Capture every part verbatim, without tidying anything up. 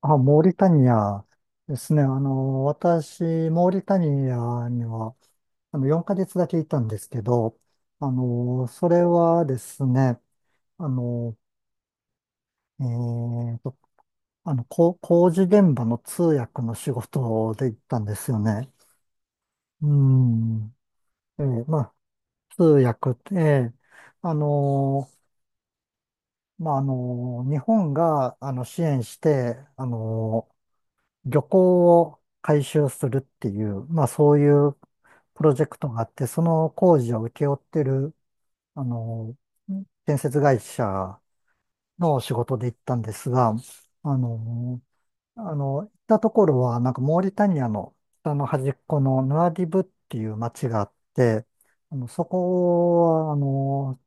あ、モーリタニアですね。あの、私、モーリタニアには、あの、よんかげつだけいたんですけど、あの、それはですね、あの、えーと、あの、こ工事現場の通訳の仕事で行ったんですよね。うん。えーまあ、通訳って、あの、まあ、あの、日本が、あの、支援して、あの、漁港を改修するっていう、まあそういうプロジェクトがあって、その工事を請け負ってる、あの、建設会社の仕事で行ったんですが、あの、あの、行ったところは、なんかモーリタニアの北の端っこのヌアディブっていう町があって、あの、そこは、あの、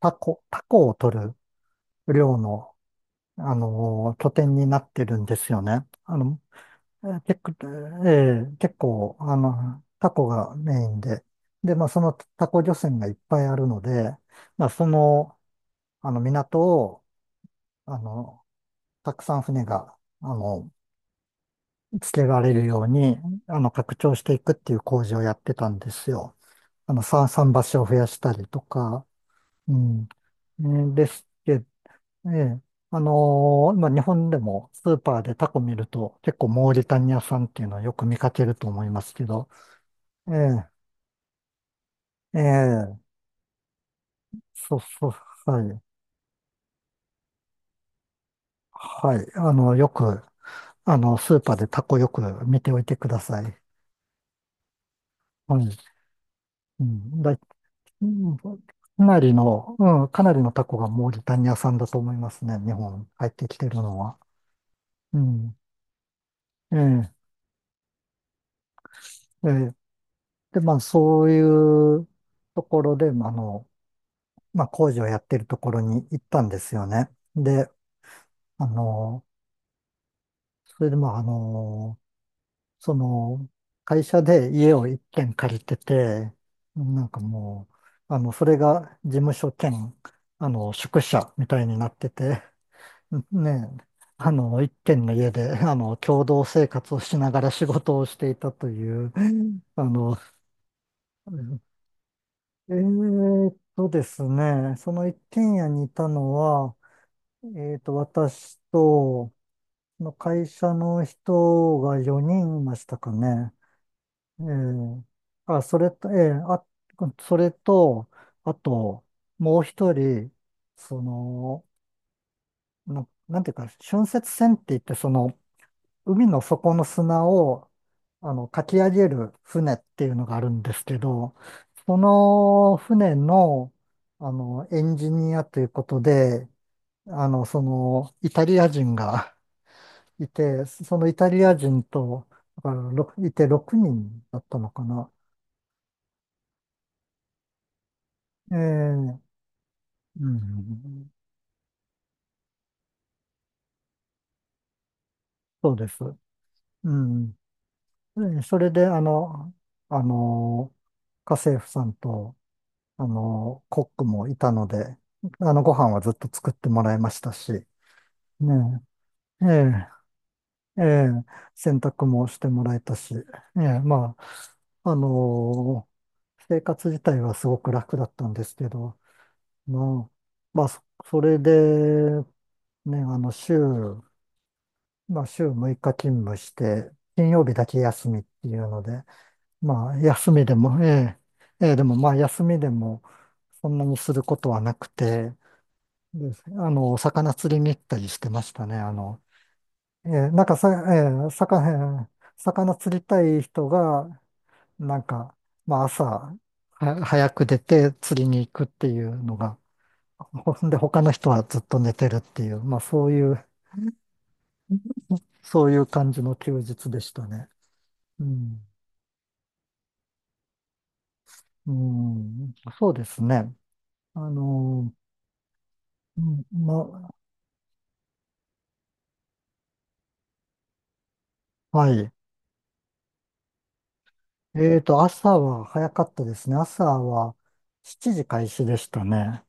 タコ、タコを取る漁の、あの、拠点になってるんですよね。あの、えテッええ結構、あの、タコがメインで、で、まあ、そのタコ漁船がいっぱいあるので、まあ、その、あの、港を、あの、たくさん船が、あの、つけられるように、あの、拡張していくっていう工事をやってたんですよ。あの、さ桟橋を増やしたりとか、うん。ねですけど、ええあのーまあ、日本でもスーパーでタコ見ると結構モーリタニア産っていうのはよく見かけると思いますけど、ええ、ええ、そうそう、はい。はい。あの、よく、あの、スーパーでタコよく見ておいてください。はい。うん、だい、うんかなりの、うん、かなりのタコがモーリタニア産だと思いますね。日本入ってきてるのは。うん。ええ、ええ。で、まあ、そういうところで、まああの、まあ、工事をやってるところに行ったんですよね。で、あの、それで、まあ、あの、その、会社で家を一軒借りてて、なんかもう、あの、それが事務所兼、あの、宿舎みたいになってて、ねえ、あの、一軒の家で、あの、共同生活をしながら仕事をしていたという、あの、えーっとですね、その一軒家にいたのは、えーっと、私と、その会社の人がよにんいましたかね。ええあ、それと、ええあ、それと、あと、もう一人、その、な、なんていうか、浚渫船って言って、その、海の底の砂を、あの、かき上げる船っていうのがあるんですけど、その船の、あの、エンジニアということで、あの、その、イタリア人が いて、そのイタリア人と、だからろくいてろくにんだったのかな。ええ、うん、そうです。うん。でそれで、あの、あの、家政婦さんと、あの、コックもいたので、あの、ご飯はずっと作ってもらいましたし、ねえ、ええ、ええ、洗濯もしてもらえたし、ええ、まあ、あの、生活自体はすごく楽だったんですけど、まあ、まあ、そ、それで、ね、あの、週、まあ、週むいか勤務して、金曜日だけ休みっていうので、まあ、休みでも、ええ、ええ、でもまあ、休みでも、そんなにすることはなくて、で、あの、魚釣りに行ったりしてましたね。あの、ええ、なんかさ、ええ、魚、ええ魚釣りたい人が、なんか、まあ、朝、は早く出て釣りに行くっていうのが、ほん で、他の人はずっと寝てるっていう、まあ、そういう、そういう感じの休日でしたね。うん、うん、そうですね。あの、うんま、はい。えーと、朝は早かったですね。朝はしちじ開始でしたね。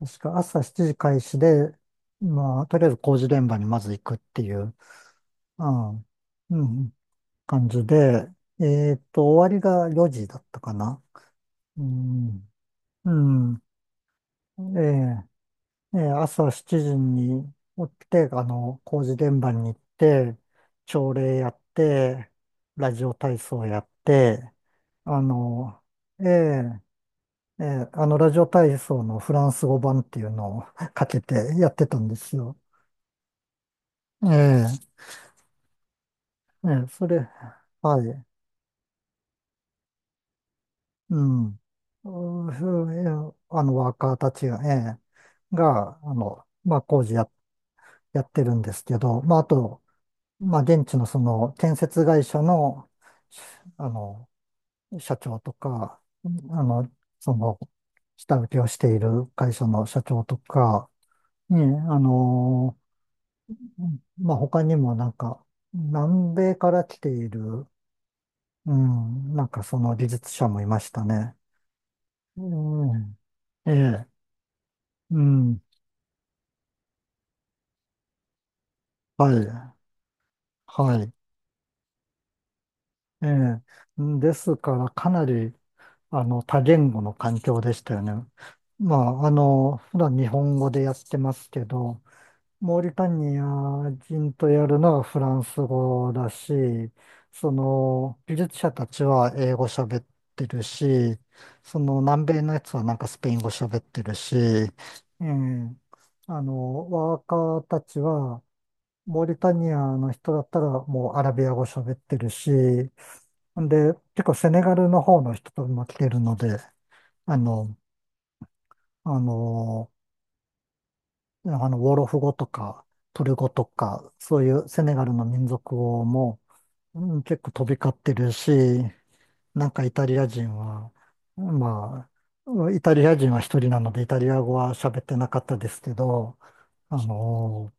確か朝しちじ開始で、まあ、とりあえず工事現場にまず行くっていう、うん、うん、感じで、えーと、終わりがよじだったかな。うん、うん、ええねえー朝しちじに起きて、あの、工事現場に行って、朝礼やって、ラジオ体操やって、あの、ええええあの、ラジオ体操のフランス語版っていうのを かけてやってたんですよ。ええええそれ、はい、うん。うーええあの、ワーカーたちが、ええが、あの、まあ、工事や、やってるんですけど、まあ、あと、まあ、現地のその建設会社の、あの、社長とか、あの、その、下請けをしている会社の社長とか、ね、あの、まあ、他にもなんか、南米から来ている、うん、なんかその技術者もいましたね。うん、ええ、うん、はい、はい、ええ、ですからかなり、あの、多言語の環境でしたよね。まあ、あの、普段日本語でやってますけど、モーリタニア人とやるのはフランス語だし、その、技術者たちは英語喋ってるし、その、南米のやつはなんかスペイン語喋ってるし、ええあの、ワーカーたちはモーリタニアの人だったらもうアラビア語喋ってるし、んで、結構セネガルの方の人とも来てるので、あの、あの、あの、ウォロフ語とか、トル語とか、そういうセネガルの民族語も、うん、結構飛び交ってるし、なんかイタリア人は、まあ、イタリア人は一人なのでイタリア語は喋ってなかったですけど、あの、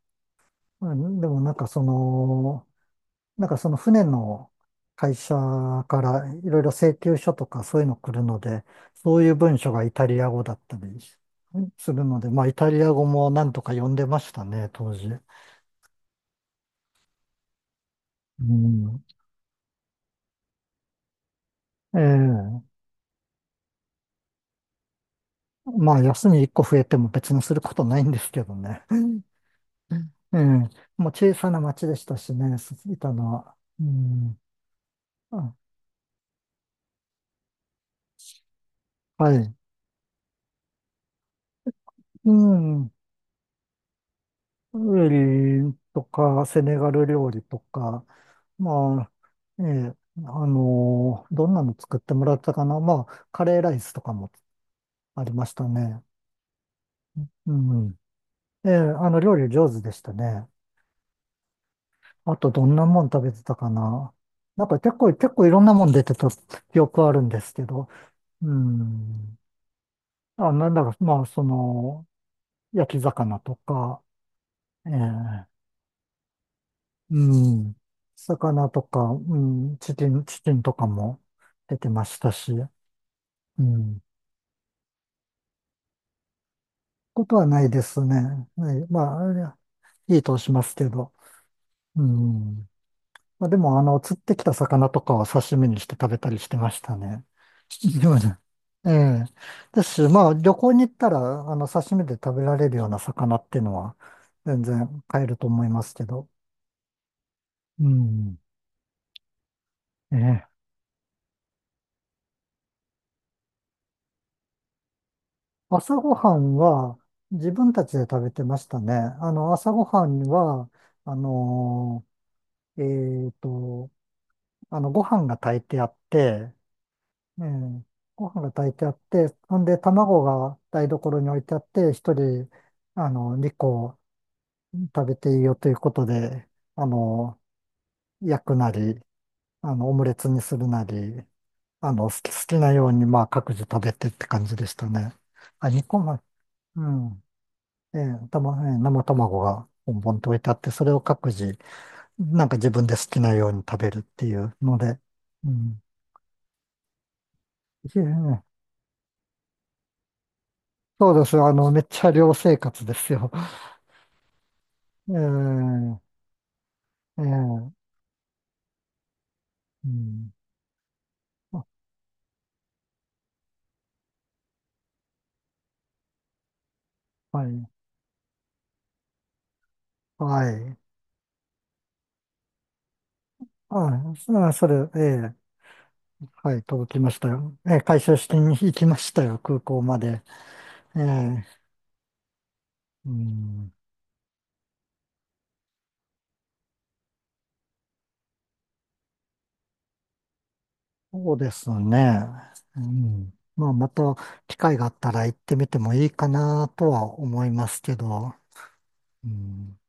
うんでもなんかその、なんかその船の会社からいろいろ請求書とかそういうの来るので、そういう文書がイタリア語だったりするので、まあイタリア語もなんとか読んでましたね、当時。うん。ええ。まあ休みいっこ増えても別にすることないんですけどね。ええ。もう小さな町でしたしね、いたのは。うん。あ、はい。うん。ウェリとか、セネガル料理とか、まあ、ええ、あのどんなの作ってもらったかな。まあ、カレーライスとかもありましたね。うん。ええ、あの、料理上手でしたね。あと、どんなもん食べてたかな。なんか結構、結構いろんなもん出てた記憶あるんですけど。うん。あ、なんだか、まあ、その、焼き魚とか、ええ、うん。魚とか、うん、チキン、チキンとかも出てましたし。うん。ことはないですね。はい。まあ、あれいいとしますけど。うん。まあ、でも、あの、釣ってきた魚とかは刺身にして食べたりしてましたね。でもねええ。ですし、まあ、旅行に行ったら、あの、刺身で食べられるような魚っていうのは、全然買えると思いますけど。うん。ええ。朝ごはんは、自分たちで食べてましたね。あの、朝ごはんは、あのーえっと、あの、ご飯が炊いてあって、ええ、ご飯が炊いてあって、ほんで卵が台所に置いてあって、一人、あの、にこ食べていいよということで、あの、焼くなり、あの、オムレツにするなり、あの、好き、好きなように、まあ、各自食べてって感じでしたね。あ、にこも、うん。ええ、たま、ええ生卵がボンボンと置いてあって、それを各自、なんか自分で好きなように食べるっていうので、うん。いえそうです。あの、めっちゃ寮生活ですよ。ええ、ええ、うん。あ、はい、はい。あ、そそれ、ええ、はい、届きましたよ。ええ、回収しに行きましたよ、空港まで。ええ、うん。そうですね。うん。まあ、また機会があったら行ってみてもいいかなとは思いますけど。うん